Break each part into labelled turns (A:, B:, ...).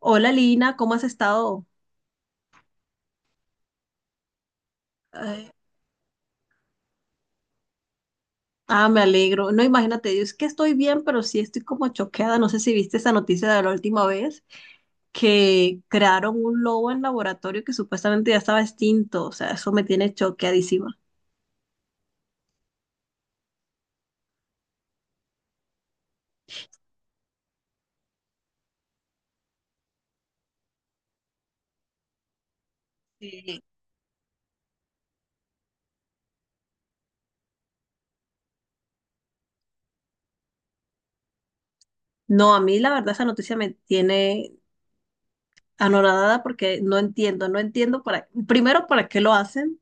A: Hola Lina, ¿cómo has estado? Ay, ah, me alegro. No, imagínate, yo es que estoy bien, pero sí estoy como choqueada. No sé si viste esa noticia de la última vez, que crearon un lobo en laboratorio que supuestamente ya estaba extinto. O sea, eso me tiene choqueadísima. Sí. No, a mí la verdad esa noticia me tiene anonadada porque no entiendo, no entiendo para, primero, para qué lo hacen.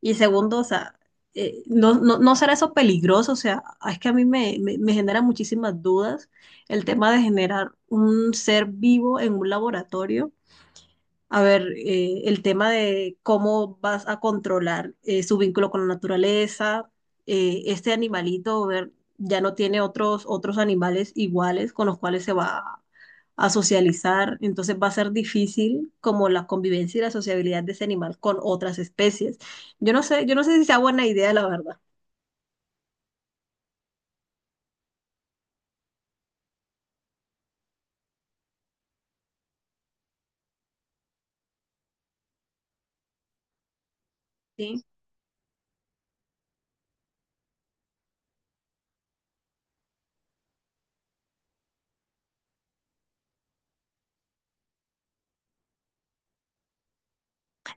A: Y segundo, o sea, no, no, ¿no será eso peligroso? O sea, es que a mí me genera muchísimas dudas el tema de generar un ser vivo en un laboratorio. A ver, el tema de cómo vas a controlar su vínculo con la naturaleza, este animalito, ver, ya no tiene otros animales iguales con los cuales se va a socializar, entonces va a ser difícil como la convivencia y la sociabilidad de ese animal con otras especies. Yo no sé si sea buena idea, la verdad. Sí.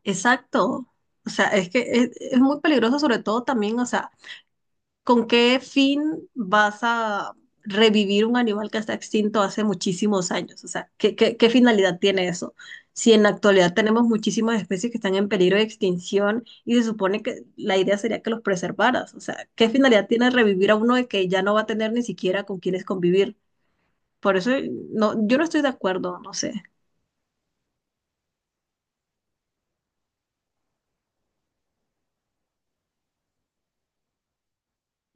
A: Exacto. O sea, es que es muy peligroso, sobre todo también, o sea, ¿con qué fin vas a revivir un animal que está extinto hace muchísimos años? O sea, ¿ qué finalidad tiene eso? Si en la actualidad tenemos muchísimas especies que están en peligro de extinción y se supone que la idea sería que los preservaras. O sea, ¿qué finalidad tiene revivir a uno de que ya no va a tener ni siquiera con quienes convivir? Por eso no, yo no estoy de acuerdo, no sé.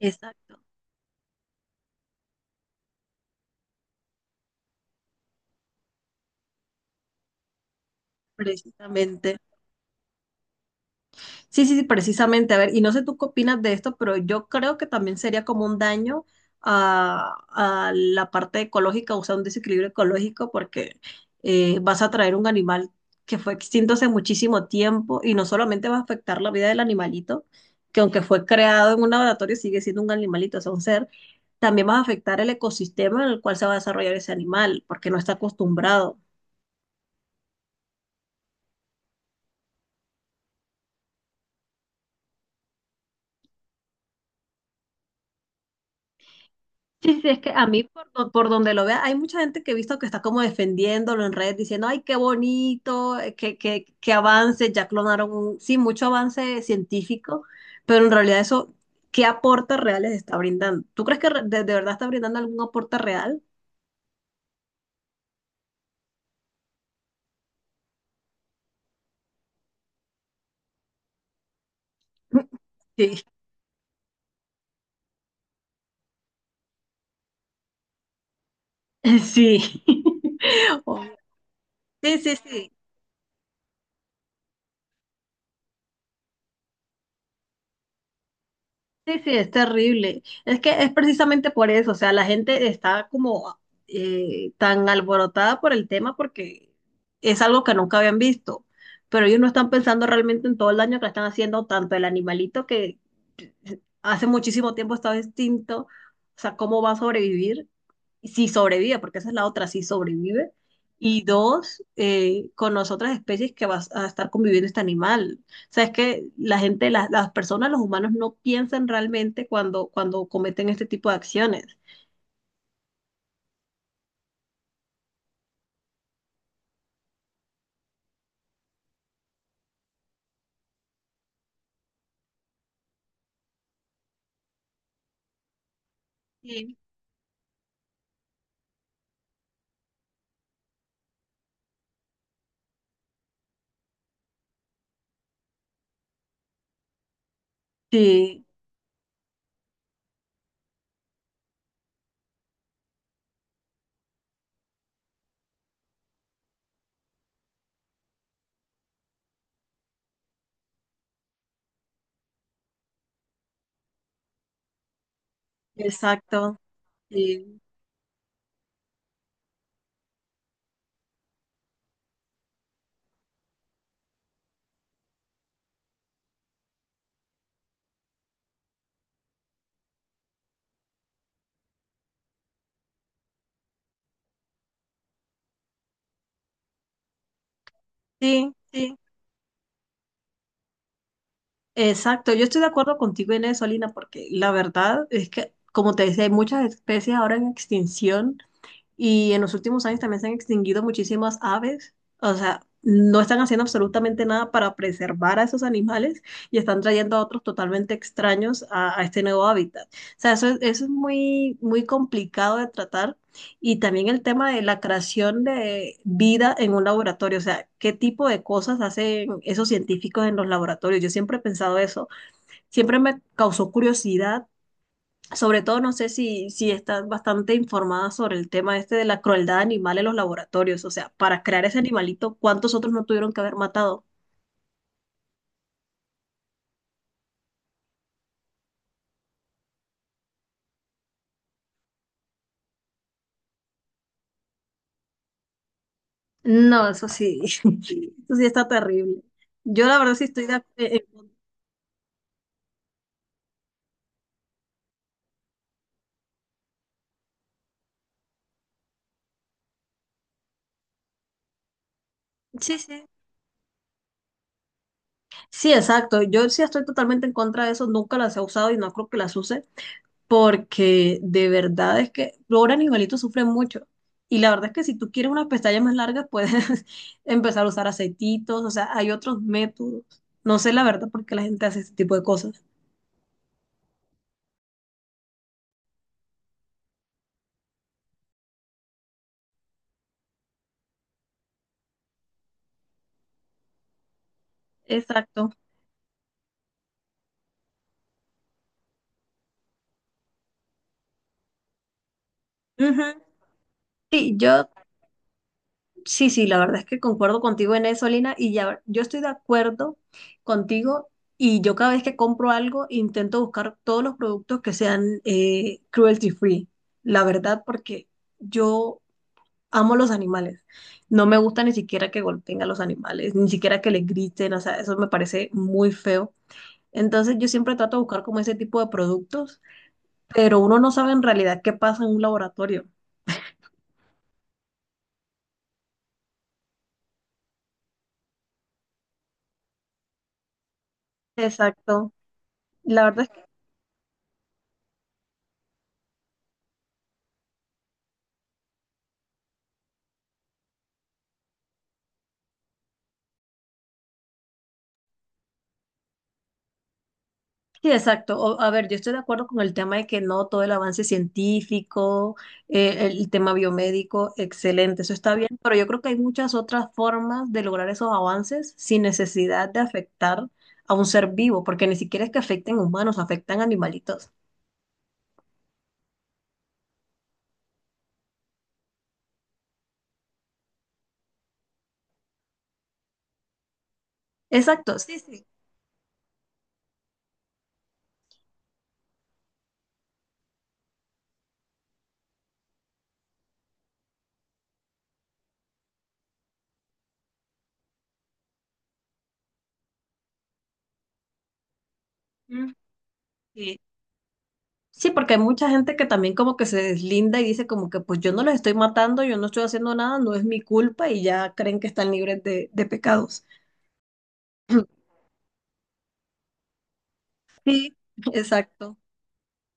A: Exacto, precisamente. Sí, sí, sí, precisamente. A ver, y no sé tú qué opinas de esto, pero yo creo que también sería como un daño a, a la parte ecológica, o sea, un desequilibrio ecológico, porque vas a traer un animal que fue extinto hace muchísimo tiempo y no solamente va a afectar la vida del animalito, que aunque fue creado en un laboratorio sigue siendo un animalito, o sea, un ser, también vas a afectar el ecosistema en el cual se va a desarrollar ese animal, porque no está acostumbrado. Sí, sí, es que a mí por, por donde lo vea, hay mucha gente que he visto que está como defendiéndolo en redes, diciendo, ay, qué bonito, qué avance, ya clonaron, sí, mucho avance científico, pero en realidad eso, ¿qué aporte reales está brindando? ¿Tú crees que de verdad está brindando algún aporte real? Sí, sí. Oh, sí, sí, sí. Sí, sí, es terrible. Es que es precisamente por eso, o sea, la gente está como tan alborotada por el tema porque es algo que nunca habían visto, pero ellos no están pensando realmente en todo el daño que le están haciendo tanto el animalito que hace muchísimo tiempo estaba extinto, o sea, cómo va a sobrevivir, si sobrevive, porque esa es la otra, si sobrevive, y dos, con las otras especies que va a estar conviviendo este animal. O sea, es que la gente, las personas, los humanos no piensan realmente cuando cometen este tipo de acciones. Sí. Sí, exacto. Sí, sí, sí, exacto. Yo estoy de acuerdo contigo en eso, Alina, porque la verdad es que, como te decía, hay muchas especies ahora en extinción. Y en los últimos años también se han extinguido muchísimas aves. O sea, no están haciendo absolutamente nada para preservar a esos animales y están trayendo a otros totalmente extraños a este nuevo hábitat. O sea, eso es muy, muy complicado de tratar. Y también el tema de la creación de vida en un laboratorio. O sea, ¿qué tipo de cosas hacen esos científicos en los laboratorios? Yo siempre he pensado eso. Siempre me causó curiosidad sobre todo, no sé si estás bastante informada sobre el tema este de la crueldad animal en los laboratorios. O sea, para crear ese animalito, ¿cuántos otros no tuvieron que haber matado? No, eso sí, eso sí está terrible. Yo la verdad sí estoy de Sí, sí. Sí, exacto. Yo sí estoy totalmente en contra de eso. Nunca las he usado y no creo que las use. Porque de verdad es que ahora pobre animalito sufre mucho. Y la verdad es que si tú quieres unas pestañas más largas, puedes empezar a usar aceititos, o sea, hay otros métodos. No sé la verdad por qué la gente hace este tipo de cosas. Exacto. Ujú. Sí, yo, sí, sí, la verdad es que concuerdo contigo en eso, Lina, y ya, yo estoy de acuerdo contigo y yo cada vez que compro algo intento buscar todos los productos que sean cruelty free, la verdad, porque yo amo los animales. No me gusta ni siquiera que golpeen a los animales, ni siquiera que les griten, o sea, eso me parece muy feo. Entonces yo siempre trato de buscar como ese tipo de productos, pero uno no sabe en realidad qué pasa en un laboratorio. Exacto. La verdad sí, exacto. O- a ver, yo estoy de acuerdo con el tema de que no todo el avance científico, el tema biomédico, excelente, eso está bien, pero yo creo que hay muchas otras formas de lograr esos avances sin necesidad de afectar a un ser vivo, porque ni siquiera es que afecten humanos, afectan animalitos. Exacto, sí, sí. Mm. Sí. Sí, porque hay mucha gente que también como que se deslinda y dice como que pues yo no los estoy matando, yo no estoy haciendo nada, no es mi culpa y ya creen que están libres de pecados. Sí, exacto.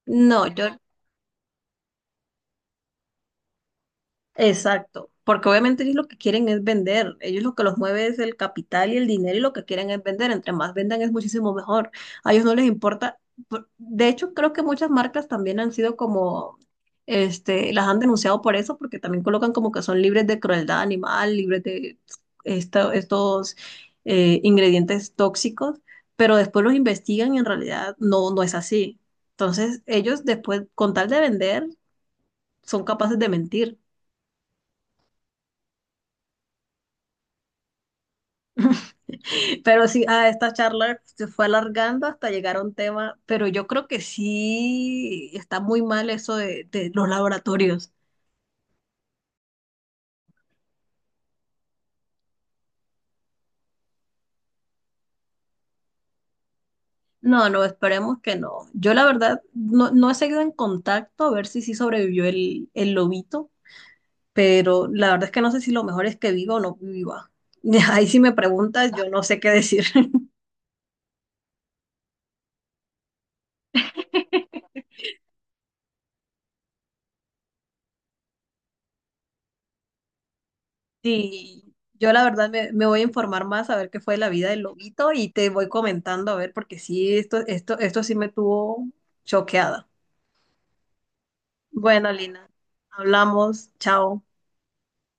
A: No, yo, exacto, porque obviamente ellos lo que quieren es vender, ellos lo que los mueve es el capital y el dinero y lo que quieren es vender, entre más vendan es muchísimo mejor, a ellos no les importa, por- de hecho creo que muchas marcas también han sido como, este, las han denunciado por eso, porque también colocan como que son libres de crueldad animal, libres de estos ingredientes tóxicos, pero después los investigan y en realidad no, no es así, entonces ellos después, con tal de vender, son capaces de mentir. Pero sí, ah, esta charla se fue alargando hasta llegar a un tema, pero yo creo que sí está muy mal eso de los laboratorios. No, no, esperemos que no. Yo la verdad no, no he seguido en contacto a ver si sí sobrevivió el lobito, pero la verdad es que no sé si lo mejor es que viva o no viva. Ahí si me preguntas, yo no sé qué decir. Sí, yo la verdad me, me voy a informar más a ver qué fue la vida del lobito y te voy comentando a ver, porque sí, esto sí me tuvo choqueada. Bueno, Lina, hablamos, chao.